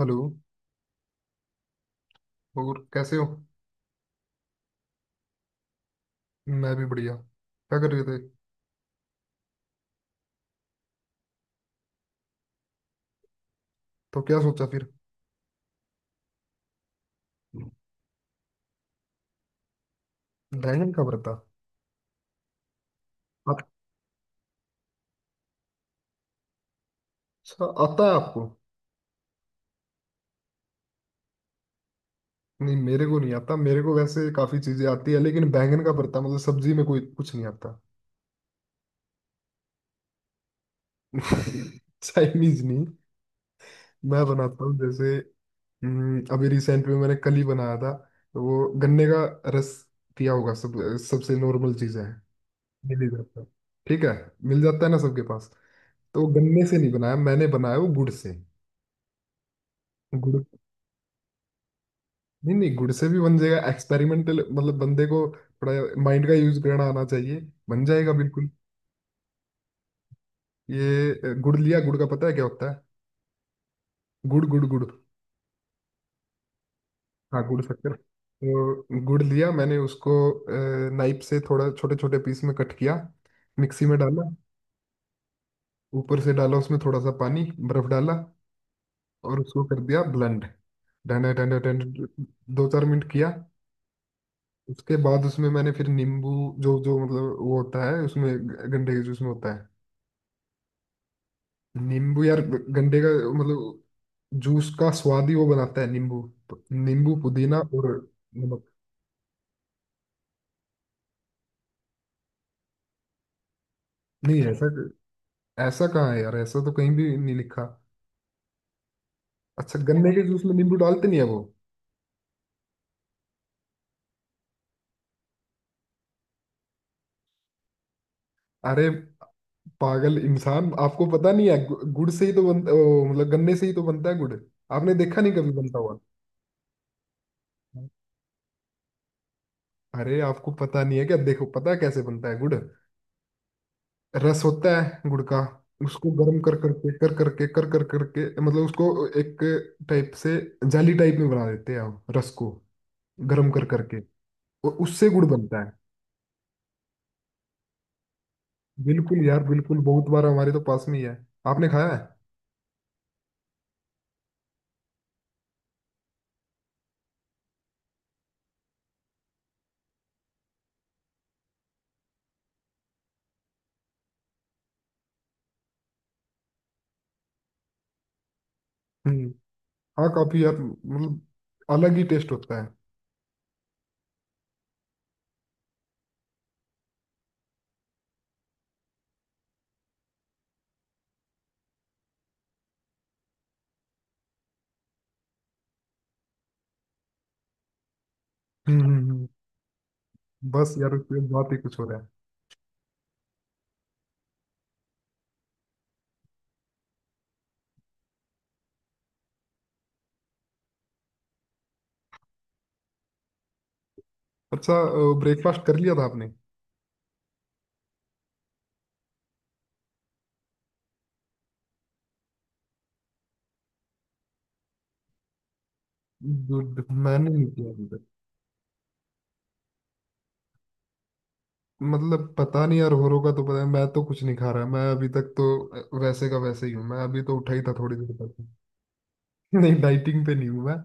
Hello. और कैसे हो? मैं भी बढ़िया। क्या कर रहे थे? तो क्या सोचा फिर? बैंगन का भरता, अच्छा आता है आपको? नहीं, मेरे को नहीं आता। मेरे को वैसे काफी चीजें आती है लेकिन बैंगन का भरता मतलब सब्जी में कोई कुछ नहीं आता। चाइनीज नहीं। मैं बनाता हूँ जैसे अभी रिसेंट में मैंने कल ही बनाया था। तो वो गन्ने का रस पिया होगा सब। सबसे नॉर्मल चीज है, मिल ही जाता है। ठीक है, मिल जाता है ना सबके पास। तो वो गन्ने से नहीं बनाया, मैंने बनाया वो गुड़ से। गुड़। नहीं नहीं, गुड़ से भी बन जाएगा एक्सपेरिमेंटल मतलब, बंदे को थोड़ा माइंड का यूज करना आना चाहिए, बन जाएगा बिल्कुल। ये गुड़ लिया। गुड़ का पता है क्या होता है? गुड़ गुड़ गुड़। हाँ, गुड़ शक्कर। तो गुड़ लिया मैंने, उसको नाइफ से थोड़ा छोटे छोटे पीस में कट किया, मिक्सी में डाला, ऊपर से डाला उसमें थोड़ा सा पानी, बर्फ डाला और उसको कर दिया ब्लेंड। डंडे डंडे डंडे, दो चार मिनट किया। उसके बाद उसमें मैंने फिर नींबू, जो जो मतलब वो होता है उसमें गंडे के जूस में होता है। नींबू यार, गंडे का मतलब जूस का स्वाद ही वो बनाता है नींबू। नींबू, पुदीना और नमक। नहीं ऐसा ऐसा कहाँ है यार, ऐसा तो कहीं भी नहीं लिखा। अच्छा, गन्ने के जूस में नींबू डालते नहीं है वो? अरे पागल इंसान, आपको पता नहीं है, गु- गुड़ से ही तो बनता ओ, मतलब गन्ने से ही तो बनता है गुड़। आपने देखा नहीं कभी बनता हुआ? अरे आपको पता नहीं है क्या? देखो, पता है कैसे बनता है गुड़? रस होता है गुड़ का, उसको गर्म कर करके कर करके कर कर करके मतलब उसको एक टाइप से जाली टाइप में बना देते हैं हम, रस को गर्म कर करके, और उससे गुड़ बनता है। बिल्कुल यार बिल्कुल, बहुत बार, हमारे तो पास में ही है। आपने खाया है? हम्म हाँ, काफी यार, मतलब अलग ही टेस्ट होता है। हम्म हम्म हम्म। बस यार, उसकी बात ही कुछ हो रहा है। अच्छा, ब्रेकफास्ट कर लिया था आपने? दूध मैंने नहीं किया अभी। मतलब पता नहीं यार, होरो का तो पता है, मैं तो कुछ नहीं खा रहा, मैं अभी तक तो वैसे का वैसे ही हूँ, मैं अभी तो उठा ही था थोड़ी देर पहले। नहीं, डाइटिंग पे नहीं हूँ मैं।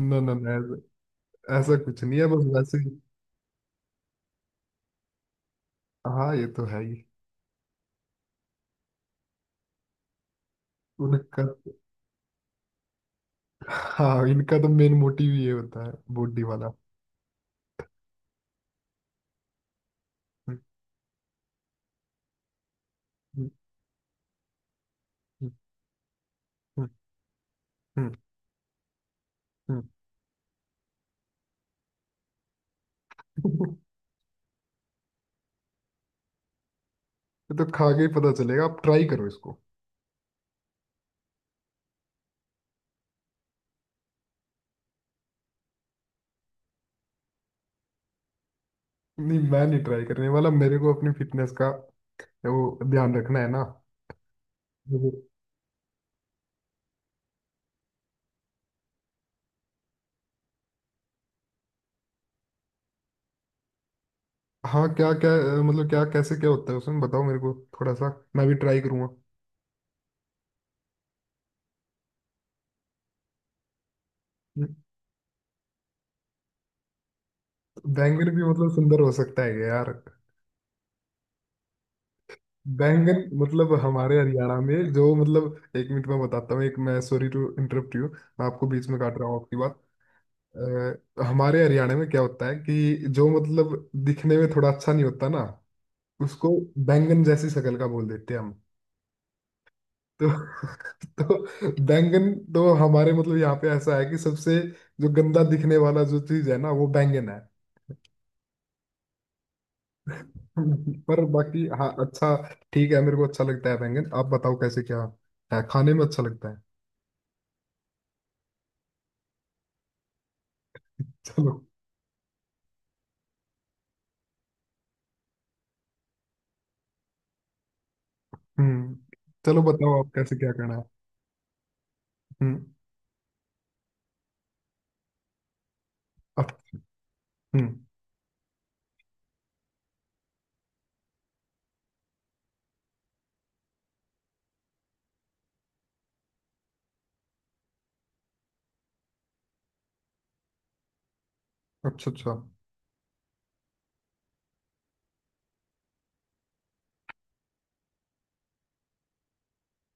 ना ना ना, ऐसा ऐसा कुछ नहीं है, बस वैसे ही। हाँ, ये तो है ही। उनका। हाँ, इनका तो मेन मोटिव ये होता है, बॉडी वाला। हम्म, हम्म, हम्म, हम्म, हम्म। ये तो खा के ही पता चलेगा, आप ट्राई करो इसको। नहीं, मैं नहीं ट्राई करने वाला, मेरे को अपनी फिटनेस का वो ध्यान रखना है ना। हाँ, क्या क्या? मतलब क्या, कैसे क्या होता है उसमें, बताओ मेरे को थोड़ा सा, मैं भी ट्राई करूंगा। बैंगन भी मतलब सुंदर हो सकता है यार? बैंगन मतलब हमारे हरियाणा में जो मतलब, एक मिनट मैं बताता हूँ, एक मैं सॉरी टू इंटरप्ट यू, मैं आपको बीच में काट रहा हूँ आपकी बात। हमारे हरियाणा में क्या होता है कि जो मतलब दिखने में थोड़ा अच्छा नहीं होता ना, उसको बैंगन जैसी शक्ल का बोल देते हैं हम। तो तो बैंगन तो हमारे मतलब यहाँ पे ऐसा है कि सबसे जो गंदा दिखने वाला जो चीज है ना, वो बैंगन है। पर बाकी, हाँ, अच्छा, ठीक है, मेरे को अच्छा लगता है बैंगन। आप बताओ कैसे क्या है, खाने में अच्छा लगता है। चलो। हम्म। चलो बताओ, आप कैसे क्या करना है। हम्म। अ- हम्म। अच्छा अच्छा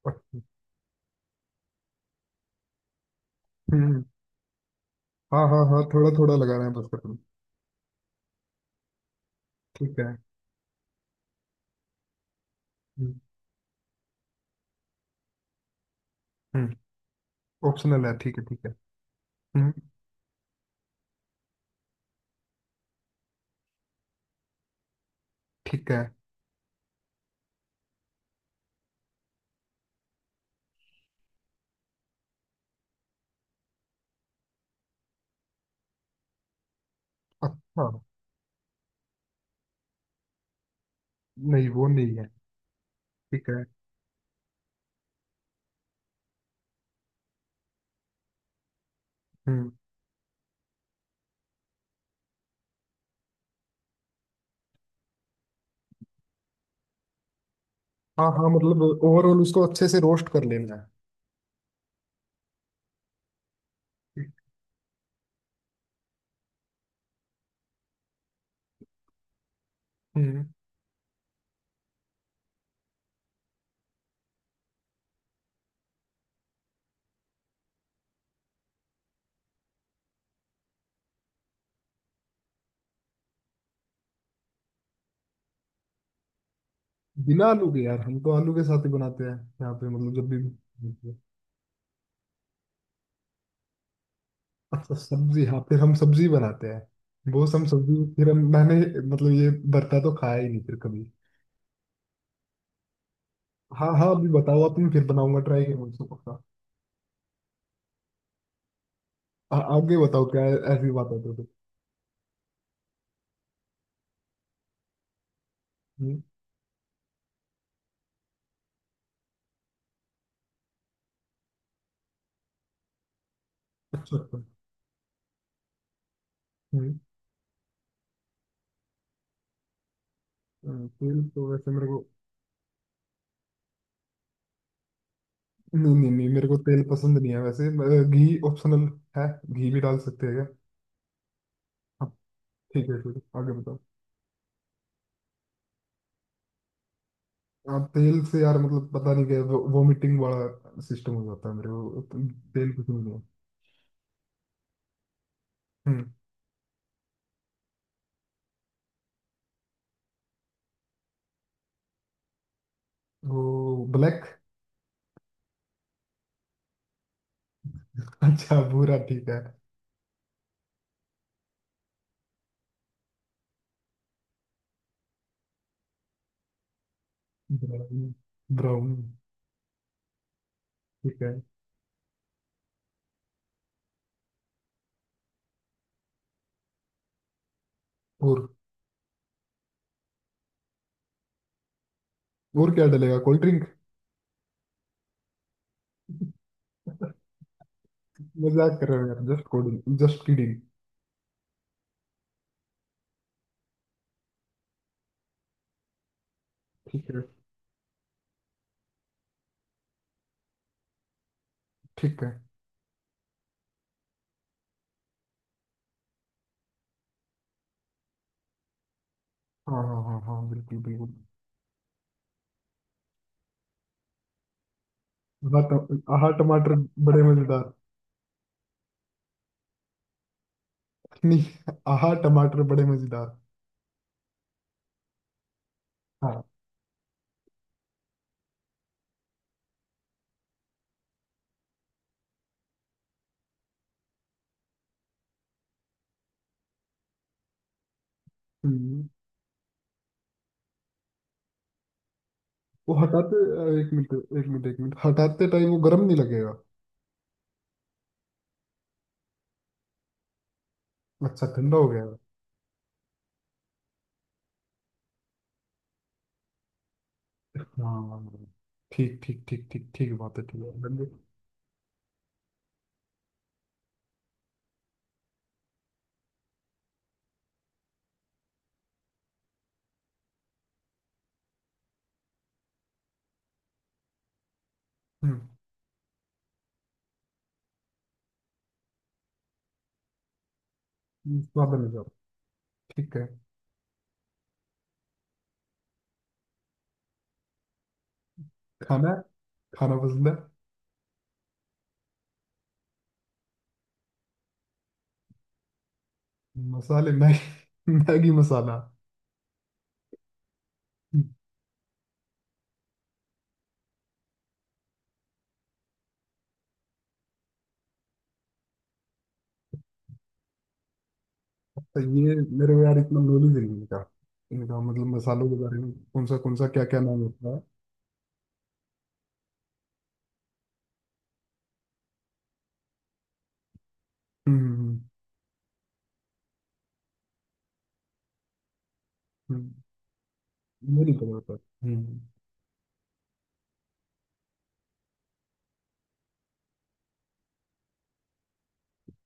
अच्छा, हम्म। हाँ हाँ हाँ, थोड़ा थोड़ा लगा रहे हैं बस, करूँ? ठीक है। हम्म हम्म। ऑप्शनल है, ठीक है ठीक है। हम्म, ठीक है, अच्छा। नहीं वो नहीं है, ठीक है। हम्म। हाँ हाँ, मतलब ओवरऑल उसको अच्छे से रोस्ट कर लेना है। हम्म। बिना आलू के यार, हम तो आलू के साथ ही बनाते हैं यहाँ पे, मतलब जब भी। अच्छा, सब्जी, हाँ, फिर हम सब्जी बनाते हैं बहुत, हम सब्जी, फिर हम मैंने मतलब ये भरता तो खाया ही नहीं फिर कभी। हाँ हाँ, अभी बताओ आप, मैं फिर बनाऊंगा, ट्राई करूंगा इसको पक्का। आगे बताओ क्या है, ऐसी बात है तो। हम्म, अच्छा अच्छा। हम्म, तेल तो वैसे मेरे को। नहीं नहीं नहीं, मेरे को तेल पसंद नहीं है वैसे। घी ऑप्शनल है? घी भी डाल सकते हैं क्या? हाँ, ठीक है आगे बताओ। हाँ, तेल से यार मतलब पता नहीं क्या वो, वोमिटिंग वाला सिस्टम हो जाता है मेरे को तो, तेल कुछ नहीं है। हम्म, वो ब्लैक? अच्छा, भूरा ठीक है। Brown, brown. ठीक है। और और क्या डलेगा, कोल्ड ड्रिंक? मजाक कर रहे हो यार, जस्ट कोल्ड, जस्ट किडिंग। ठीक है ठीक है। हाँ हाँ हाँ हाँ, बिल्कुल बिल्कुल। आहा टमाटर बड़े मजेदार। नहीं, आहा टमाटर बड़े मजेदार। हाँ। हम्म, वो हटाते एक मिनट एक मिनट, हटाते टाइम वो गर्म नहीं लगेगा? अच्छा, ठंडा हो गया है। हाँ हाँ, हाँ। ठीक ठीक ठीक ठीक, ठीक बात है, ठीक है बंदे। हम्म, इस बात में जाओ, ठीक है। खाना? खाना पसंद है। मसाले, मैगी मैगी मसाला। तो ये मेरे को यार इतना नॉलेज नहीं है इनका। इनका मतलब मसालों के बारे में कौन सा कौन सा, क्या क्या नाम होता है। हम्म। हम्म, ये नहीं पता होता। हम्म हम्म।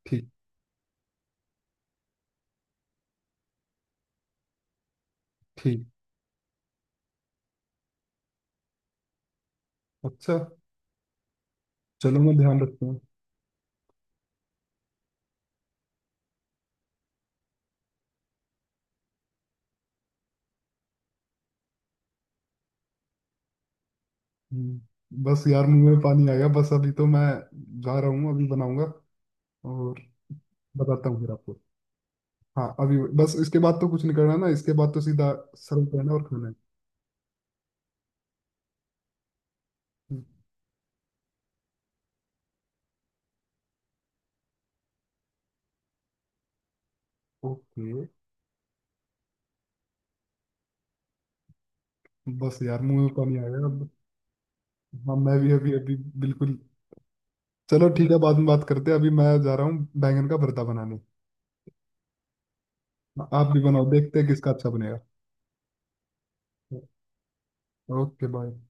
ठीक ठीक, अच्छा। चलो, मैं ध्यान रखता हूँ। हम्म, बस यार मुंह में पानी आ गया, बस अभी तो मैं जा रहा हूँ, अभी बनाऊंगा और बताता हूँ फिर आपको। हाँ अभी बस, इसके बाद तो कुछ नहीं करना ना, इसके बाद तो सीधा सर्व करना और खाना है? ओके। बस यार, मुंह में पानी आ गया अब। हाँ, मैं भी अभी अभी, बिल्कुल। चलो ठीक है, बाद में बात करते हैं, अभी मैं जा रहा हूँ बैंगन का भरता बनाने। आप भी बनाओ, देखते हैं किसका अच्छा बनेगा। Okay bye.